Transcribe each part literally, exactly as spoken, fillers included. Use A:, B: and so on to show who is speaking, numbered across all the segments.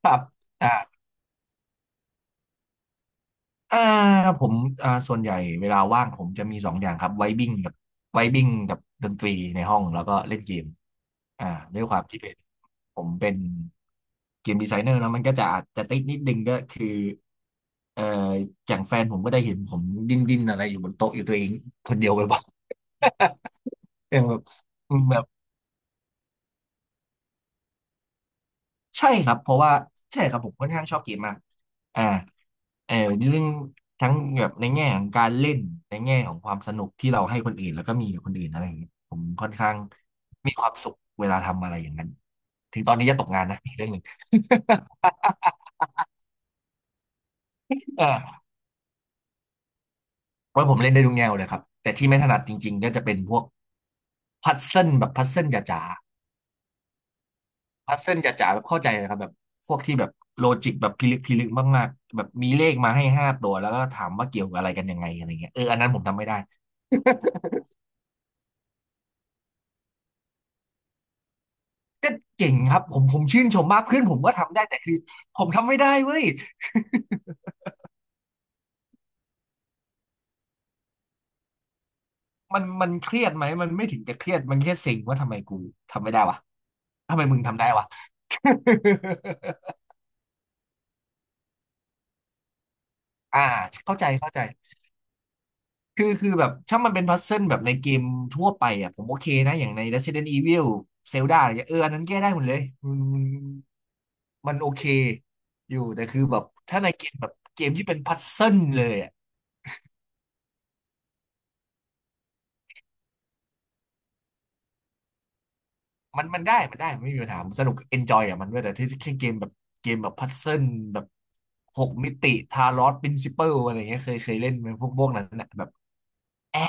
A: ครับอ่าอ่าผมอ่าส่วนใหญ่เวลาว่างผมจะมีสองอย่างครับไวบิ้งกับไวบิ้งกับดนตรีในห้องแล้วก็เล่นเกมอ่าด้วยความที่เป็นผมเป็นเกมดีไซเนอร์แล้วมันก็จะอาจจะติดนิดนึงก็คือเอ่ออย่างแฟนผมก็ได้เห็นผมดิ้นดิ้นอะไรอยู่บนโต๊ะอยู่ตัวเองคนเดียวบ่อยๆ อย่างแบบแบบใช่ครับเพราะว่าใช่ครับผมค่อนข้างชอบเกมมาก อ่าเออเรื่องทั้งแบบในแง่ของการเล่นในแง่ของความสนุกที่เราให้คนอื่นแล้วก็มีกับคนอื่นอะไรอย่างเงี้ยผมค่อนข้างมีความสุขเวลาทำอะไรอย่างนั้นถึงตอนนี้จะตกงานนะอีกเรื่องหนึ่ง เเพราะผมเล่นได้ทุกแนวเลยครับแต่ที่ไม่ถนัดจริงๆก็จะเป็นพวกพัซเซิลแบบพัซเซิลจ๋าๆพัซเซิลจ๋าๆแบบเข้าใจเลยครับแบบพวกที่แบบโลจิกแบบพิลึกพิลึกมากๆแบบมีเลขมาให้ห้าตัวแล้วก็ถามว่าเกี่ยวกับอะไรกันยังไงอะไรเงี้ยเอออันนั้นผมทำไม่ได้ ก็เก่งครับผมผมชื่นชมมากเพื่อนผมก็ทำได้แต่คือผมทำไม่ได้เว้ยมันมันเครียดไหมมันไม่ถึงกับเครียดมันแค่เซ็งว่าทำไมกูทำไม่ได้วะทำไมมึงทำได้วะ อ่าเข้าใจเข้าใจคือคือแบบถ้ามันเป็นพัซเซิลแบบในเกมทั่วไปอ่ะผมโอเคนะอย่างใน เรสซิเดนต์ อีวิล เซลดา อะไรเงี้ยเอออันนั้นแก้ได้หมดเลยมันมันมันโอเคอยู่แต่คือแบบถ้าในเกมแบบเกมที่เป็นพัซเซิลเลยอะ มันมันได้ มันได้มันไม่มีปัญหาผมสนุกเอนจอยกับมันด้วยแต่ที่แค่เกมแบบเกมแบบพัซเซิลแบบหกมิติทาลอสปรินซิเปิลอะไรเงี้ยเคยเคยเล่นไหมพวกพวกนั้นนะแบบแอะ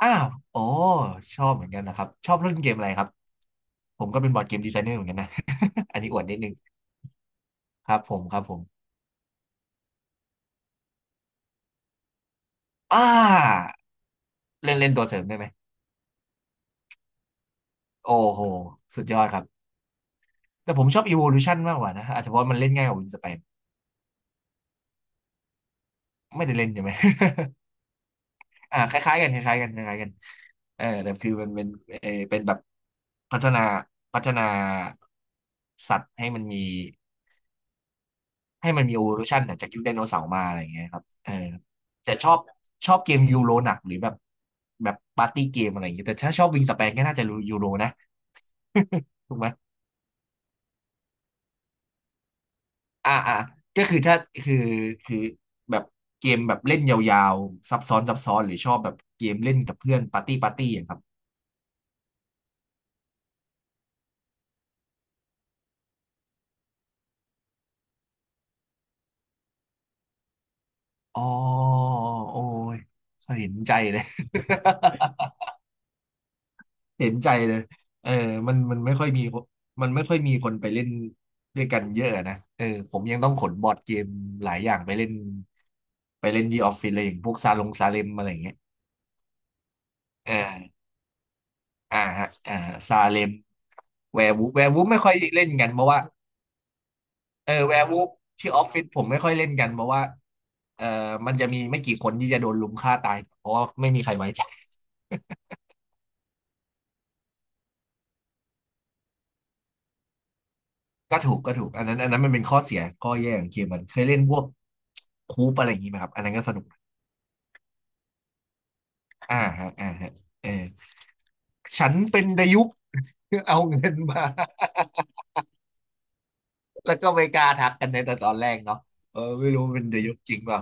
A: อ้าวโอ้ชอบเหมือนกันนะครับชอบเล่นเกมอะไรครับผมก็เป็นบอร์ดเกมดีไซเนอร์เหมือนกันนะ อันนี้อวดนิดนึงครับผมครับผมอ่าเล่นเล่นตัวเสริมได้ไหมโอ้โหสุดยอดครับแต่ผมชอบ Evolution มากกว่านะอาจจะเพราะมันเล่นง่ายกว่า วิงสแปน ไม่ได้เล่นใช่ไหม อ่าคล้ายๆกันคล้ายๆกันคล้ายๆกันเออแต่คือมันเป็นเออเป็นแบบพัฒนาพัฒนาสัตว์ให้มันมีให้มันมี evolution อะจากยุคไดโนเสาร์มาอะไรอย่างเงี้ยครับเออแต่ชอบชอบเกมยูโรหนักหรือแบบแบบปาร์ตี้เกมอะไรอย่างเงี้ยแต่ถ้าชอบวิงสเปนก็น่าจะรู้ยูโรนะ ถูกไหมอ่าอ่าก็คือถ้าคือคือแบบเกมแบบเล่นยาวๆซับซ้อนซับซ้อนหรือชอบแบบเกมเล่นกับเพื่อนปาร์ตี้ปาร์ตี้อะครับ อ๋อโอ้ยเห็นใจเลย เห็นใจเลยเออมันมันไม่ค่อยมีมันไม่ค่อยมีคนไปเล่นด้วยกันเยอะนะเออผมยังต้องขนบอร์ดเกมหลายอย่างไปเล่นไปเล่นที่ออฟฟิศเลยอย่างพวกซาลงซาเลมอะไรอย่างเงี้ยอ่าอ่าฮะอ่าซาเลมแวร์วูฟแวร์วูฟไม่ค่อยเล่นกันเพราะว่าเออแวร์วูฟที่ออฟฟิศผมไม่ค่อยเล่นกันเพราะว่าเออมันจะมีไม่กี่คนที่จะโดนลุมฆ่าตายเพราะว่าไม่มีใครไว้ใจ ก็ถูกก็ถูกอันนั้นอันนั้นมันเป็นข้อเสียข้อแย่ของเกมมันเคยเล่นพวกคูปอะไรอย่างนี้ไหมครับอันนั้นก็สนุกอ่าฮะอ่าฮะเออฉันเป็นดายุก เอาเงินมาแล้วก็ไม่กล้าทักกันในแต่ตอนแรกเนาะเออไม่รู้เป็นดายุกจริงเปล่า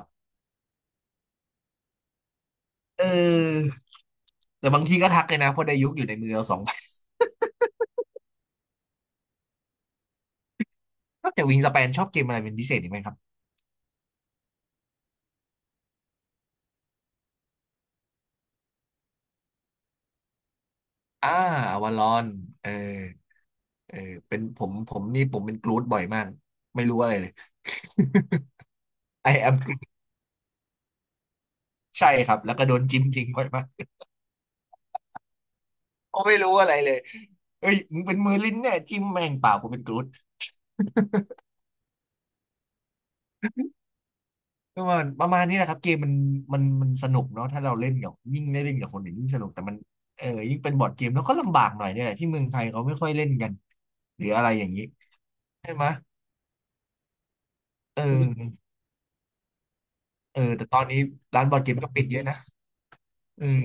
A: เออแต่บางทีก็ทักเลยนะเพราะดายุกอยู่ในมือเราสอง นอกจากวิงสเปนชอบเกมอะไรเป็นพิเศษอีกไหมครับอ่าวาลอนเออเออเป็นผมผมนี่ผมเป็นกรูดบ่อยมากไม่รู้อะไรเลย ไอ เอ เอ็มใช่ครับแล้วก็โดนจิ้มจริงบ่อยมาก เขาไม่รู้อะไรเลยเฮ้ยมึงเป็นมือลิ้นเนี่ยจิ้มแม่งเปล่ากูเป็นกรูดประมาณประมาณนี้แหละครับเกมมันมันมันสนุกเนาะถ้าเราเล่นกับยิ่งได้เล่นกับคนอื่นยิ่งสนุกแต่มันเออยิ่งเป็นบอร์ดเกมแล้วก็ลำบากหน่อยเนี่ยแหละที่เมืองไทยเขาไม่ค่อยเล่นกันหรืออะไรอย่างนี้ใช่ไหมเออเออแต่ตอนนี้ร้านบอร์ดเกมก็ปิดเยอะนะอืม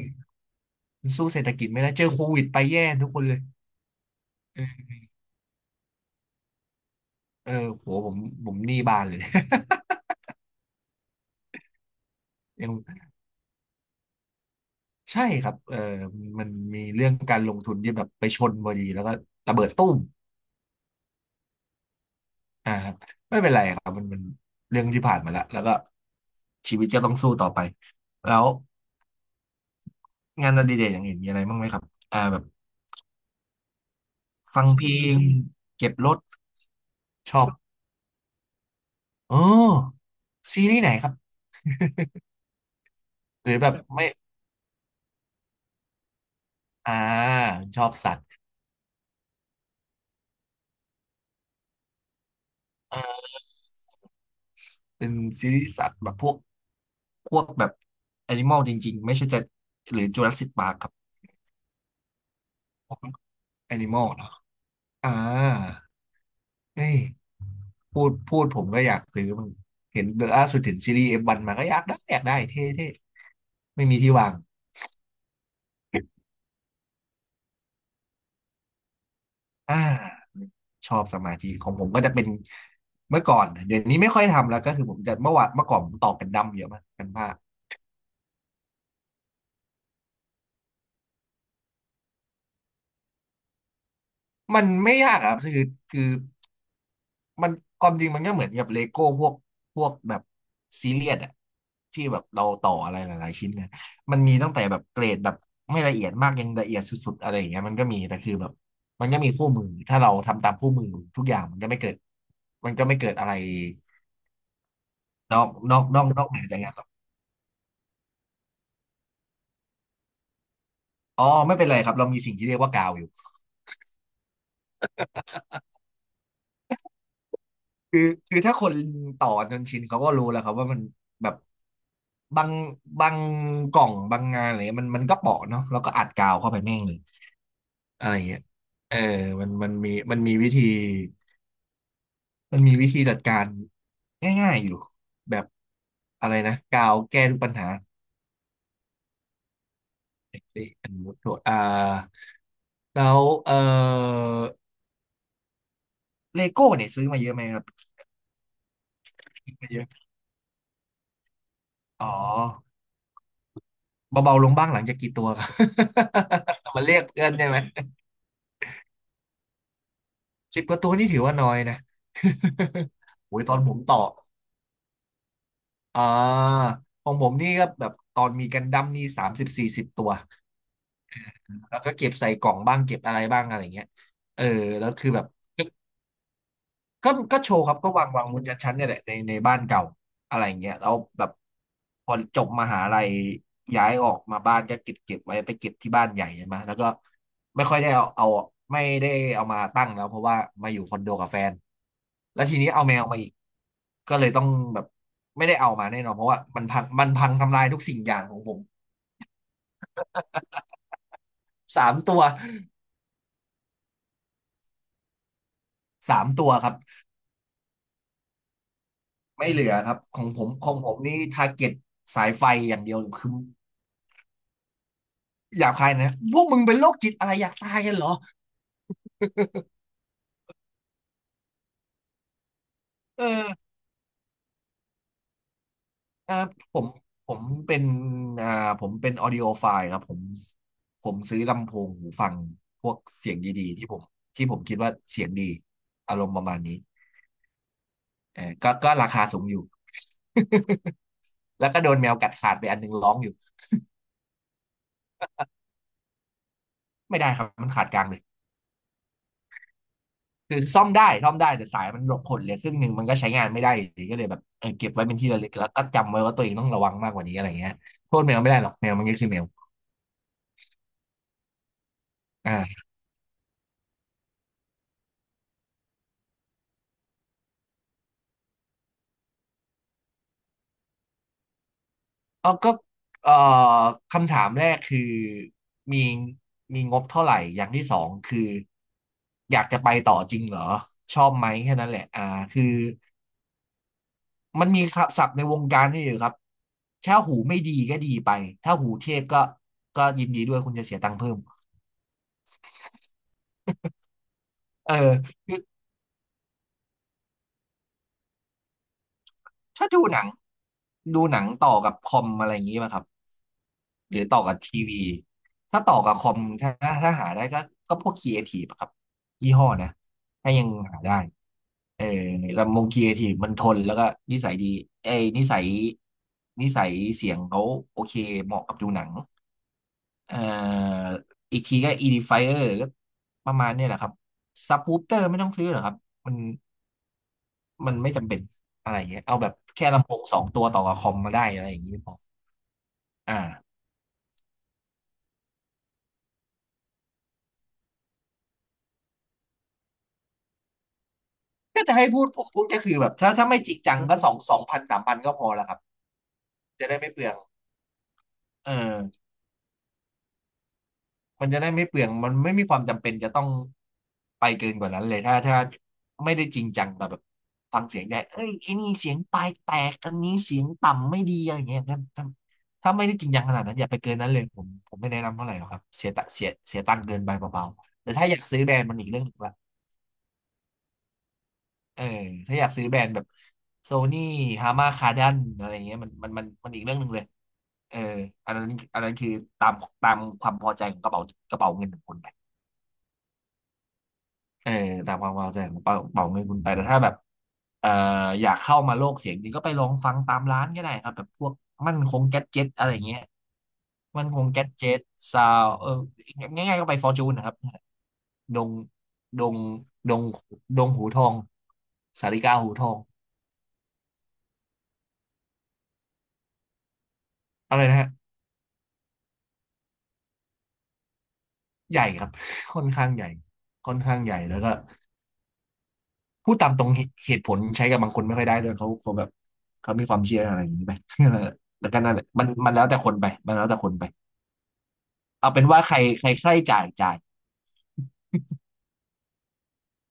A: มันสู้เศรษฐกิจไม่ได้เจอโควิดไปแย่ทุกคนเลยเออเออโหผมผมหนี้บานเลย ยังใช่ครับเออมันมีเรื่องการลงทุนที่แบบไปชนพอดีแล้วก็ระเบิดตุ้ม อ่าครับไม่เป็นไรครับมันมันเรื่องที่ผ่านมาแล้วแล้วก็ชีวิตก็ต้องสู้ต่อไปแล้วงานอดิเรกอย่างอื่นมีอะไรบ้างไหมครับอ่าแบบฟังเพลงเก็บรถชอบเออซีรีส์ไหนครับหรือแบบไม่อ่าชอบสัตว์เออเป็นซีรีส์สัตว์แบบพวกพวกแบบแอนิมอลจริงๆไม่ใช่จะหรือจูราสสิคปาร์คครับพวกแอนิมอลเนาะอ่าเฮ้ยพูดพูดผมก็อยากซื้อมันเห็นล่าสุดเห็นซีรีส์เอฟวันมาก็อยากได้อยากได้เท่ๆ ไม่มีที่วางอ่าชอบสมาธิของผมก็จะเป็นเมื่อก่อนเดี๋ยวนี้ไม่ค่อยทำแล้วก็คือผมจะเมื่อวานเมื่อก่อนผมตอกกันดั้มเยอะมากกันผ้ามันไม่ยากอะครับคือคือมันความจริงมันก็เหมือนกับเลโก้พวกพวกแบบซีเรียสอะที่แบบเราต่ออะไรหลายๆชิ้นนะมันมีตั้งแต่แบบเกรดแบบไม่ละเอียดมากยังละเอียดสุดๆอะไรอย่างเงี้ยมันก็มีแต่คือแบบมันก็มีคู่มือถ้าเราทำตามคู่มือทุกอย่างมันก็ไม่เกิดมันก็ไม่เกิดอะไรนอกนอกนอกนอกเหนือจากงาน อ๋อไม่เป็นไรครับเรามีสิ่งที่เรียกว่ากาวอยู่คือคือถ้าคนต่อจนชินเขาก็รู้แล้วครับว่ามันแบบบางบางกล่องบางงานอะไรเงี้ยมันมันก็เปาะเนาะแล้วก็อัดกาวเข้าไปแม่งเลยอะไรเงี้ยเออมันมันมีมันมีวิธีมันมีวิธีจัดการง่ายๆอยู่แบบอะไรนะกาวแก้ทุกปัญหาเอ้ยอันนี้โทษอ่าแล้วเออเลโก้เนี่ยซื้อมาเยอะไหมครับซื้อมาเยอะอ๋อ เบาๆลงบ้างหลังจากกี่ตัวครับ มาเรียกเพื่อนใช่ไหมสิบกว่าตัวนี่ถือว่าน้อยนะ โอ้ยตอนผมต่ออ่าของผมนี่ก็แบบตอนมีกันดั้มนี่สามสิบสี่สิบตัว แล้วก็เก็บใส่กล่องบ้างเก็บอะไรบ้างอะไรเงี้ยเออแล้วคือแบบ ก็ก็โชว์ครับก็วางวางบนชั้นๆเนี่ยแหละในในบ้านเก่าอะไรเงี้ยแล้วแบบพอจบมหาลัยย้ายออกมาบ้านก็เก็บเก็บไว้ไปเก็บที่บ้านใหญ่ใช่ไหมแล้วก็ไม่ค่อยได้เอาเอาไม่ได้เอามาตั้งแล้วเพราะว่ามาอยู่คอนโดกับแฟนแล้วทีนี้เอาแมวมาอีกก็เลยต้องแบบไม่ได้เอามาแน่นอนเพราะว่ามันพังมันพังทำลายทุกสิ่งอย่างของผมสามตัวสามตัวครับไม่เหลือครับของผมของผมนี่ทาร์เก็ตสายไฟอย่างเดียวคือ หยาบคายนะ พวกมึงเป็นโรคจิตอะไรอยากตายกันเหรอเอออ่าผมผมเป็นอ่าผมเป็นออดิโอไฟล์ครับผมผมซื้อลำโพงหูฟังพวกเสียงดีๆ ที่ผมที่ผมคิดว่าเสียงดีอารมณ์ประมาณนี้เออก็ก็ราคาสูงอยู่ แล้วก็โดนแมวกัดขาดไปอันหนึงร้องอยู่ ไม่ได้ครับมันขาดกลางเลยคือซ่อมได้ซ่อมได้ แต่สายมันหลบผลเหลยครึ่งหนึ่งมันก็ใช้งานไม่ได้อยู่ดีก็เลยแบบเออเก็บไว้เป็นที่ระลึกแล้วก็จำไว้ว่าตัวเองต้องระวังมากกว่านี้อะไรเงี้ยโทษแมวไม่ได้หรอกแมวมันก็คือแมวอ่า อ๋อก็เอ่อคำถามแรกคือมีมีงบเท่าไหร่อย่างที่สองคืออยากจะไปต่อจริงเหรอชอบไหมแค่นั้นแหละอ่าคือมันมีศัพท์ในวงการนี่อยู่ครับถ้าหูไม่ดีก็ดีไปถ้าหูเทพก็ก็ยินดีด้วยคุณจะเสียตังค์เพิ่มเออถ้าดูหนังดูหนังต่อกับคอมอะไรอย่างนี้ไหมครับหรือต่อกับทีวีถ้าต่อกับคอมถ้าถ้าหาได้ก็ก็พวกครีเอทีฟครับยี่ห้อนะถ้ายังหาได้ เออลำวงครีเอทีฟมันทนแล้วก็นิสัยดีเอ้ยนิสัยนิสัยเสียงเขาโอเคเหมาะกับดูหนังเอ่ออีกทีก็ Edifier ก็ประมาณเนี่ยแหละครับซับ w ู o เตอร์ไม่ต้องซื้อหรอกครับมันมันไม่จำเป็นอะไรเงี้ยเอาแบบแค่ลำโพงสองตัวต่อกับคอมมาได้อะไรอย่างงี้พออ่าก็จะให้พูดผมพูดก็คือแบบถ้าถ้าไม่จริงจังก็สองสองพันสามพันก็พอแล้วครับจะได้ไม่เปลืองเออ มันจะได้ไม่เปลืองมันไม่มีความจำเป็นจะต้องไปเกินกว่านั้นเลยถ้าถ้าไม่ได้จริงจังกับแบบฟังเสียงได้เอ้ยไอ้นี่เสียงปลายแตกอันนี้เสียงต่ำไม่ดีอะไรอย่างเงี้ยถ้าถ้าถ้าไม่ได้จริงจังขนาดนั้นอย่าไปเกินนั้นเลยผมผมไม่แนะนำเท่าไหร่หรอกครับเสียตะเสียเสียตังค์เกินไปเบาๆแต่ถ้าอยากซื้อแบรนด์มันอีกเรื่องหนึ่งละเออถ้าอยากซื้อแบรนด์แบบโซนี่ฮามาคาดันอะไรเงี้ยมันมันมันมันอีกเรื่องหนึ่งเลยเอออันนั้นอันนั้นคือตามตามความพอใจของกระเป๋ากระเป๋าเงินของคุณไป เออตามความพอใจของเป่าเป่าเงินคุณไปแต่ถ้าแบบเอ่ออยากเข้ามาโลกเสียงจริงก็ไปลองฟังตามร้านก็ได้ครับแบบพวกมั่นคงแก๊สเจ็ตอะไรเงี้ยมั่นคงแก๊สเจ็ตซาวเออง่ายๆก็ไปฟอร์จูนนะครับดงดงดงดงหูทองสาริกาหูทองอะไรนะฮะใหญ่ครับ ค่อนข้างใหญ่ค่อนข้างใหญ่แล้วก็พูดตามตรงเหเหตุผลใช้กับบางคนไม่ค่อยได้ด้วยเขาเขาแบบเขามีความเชื่ออะไรอย่างนี้ไป แล้วก็นั่นแหละมันมันแล้วแต่คนไปมันแล้วแต่คนไป เอาเป็นว่าใครใครใครจ่ายจ่าย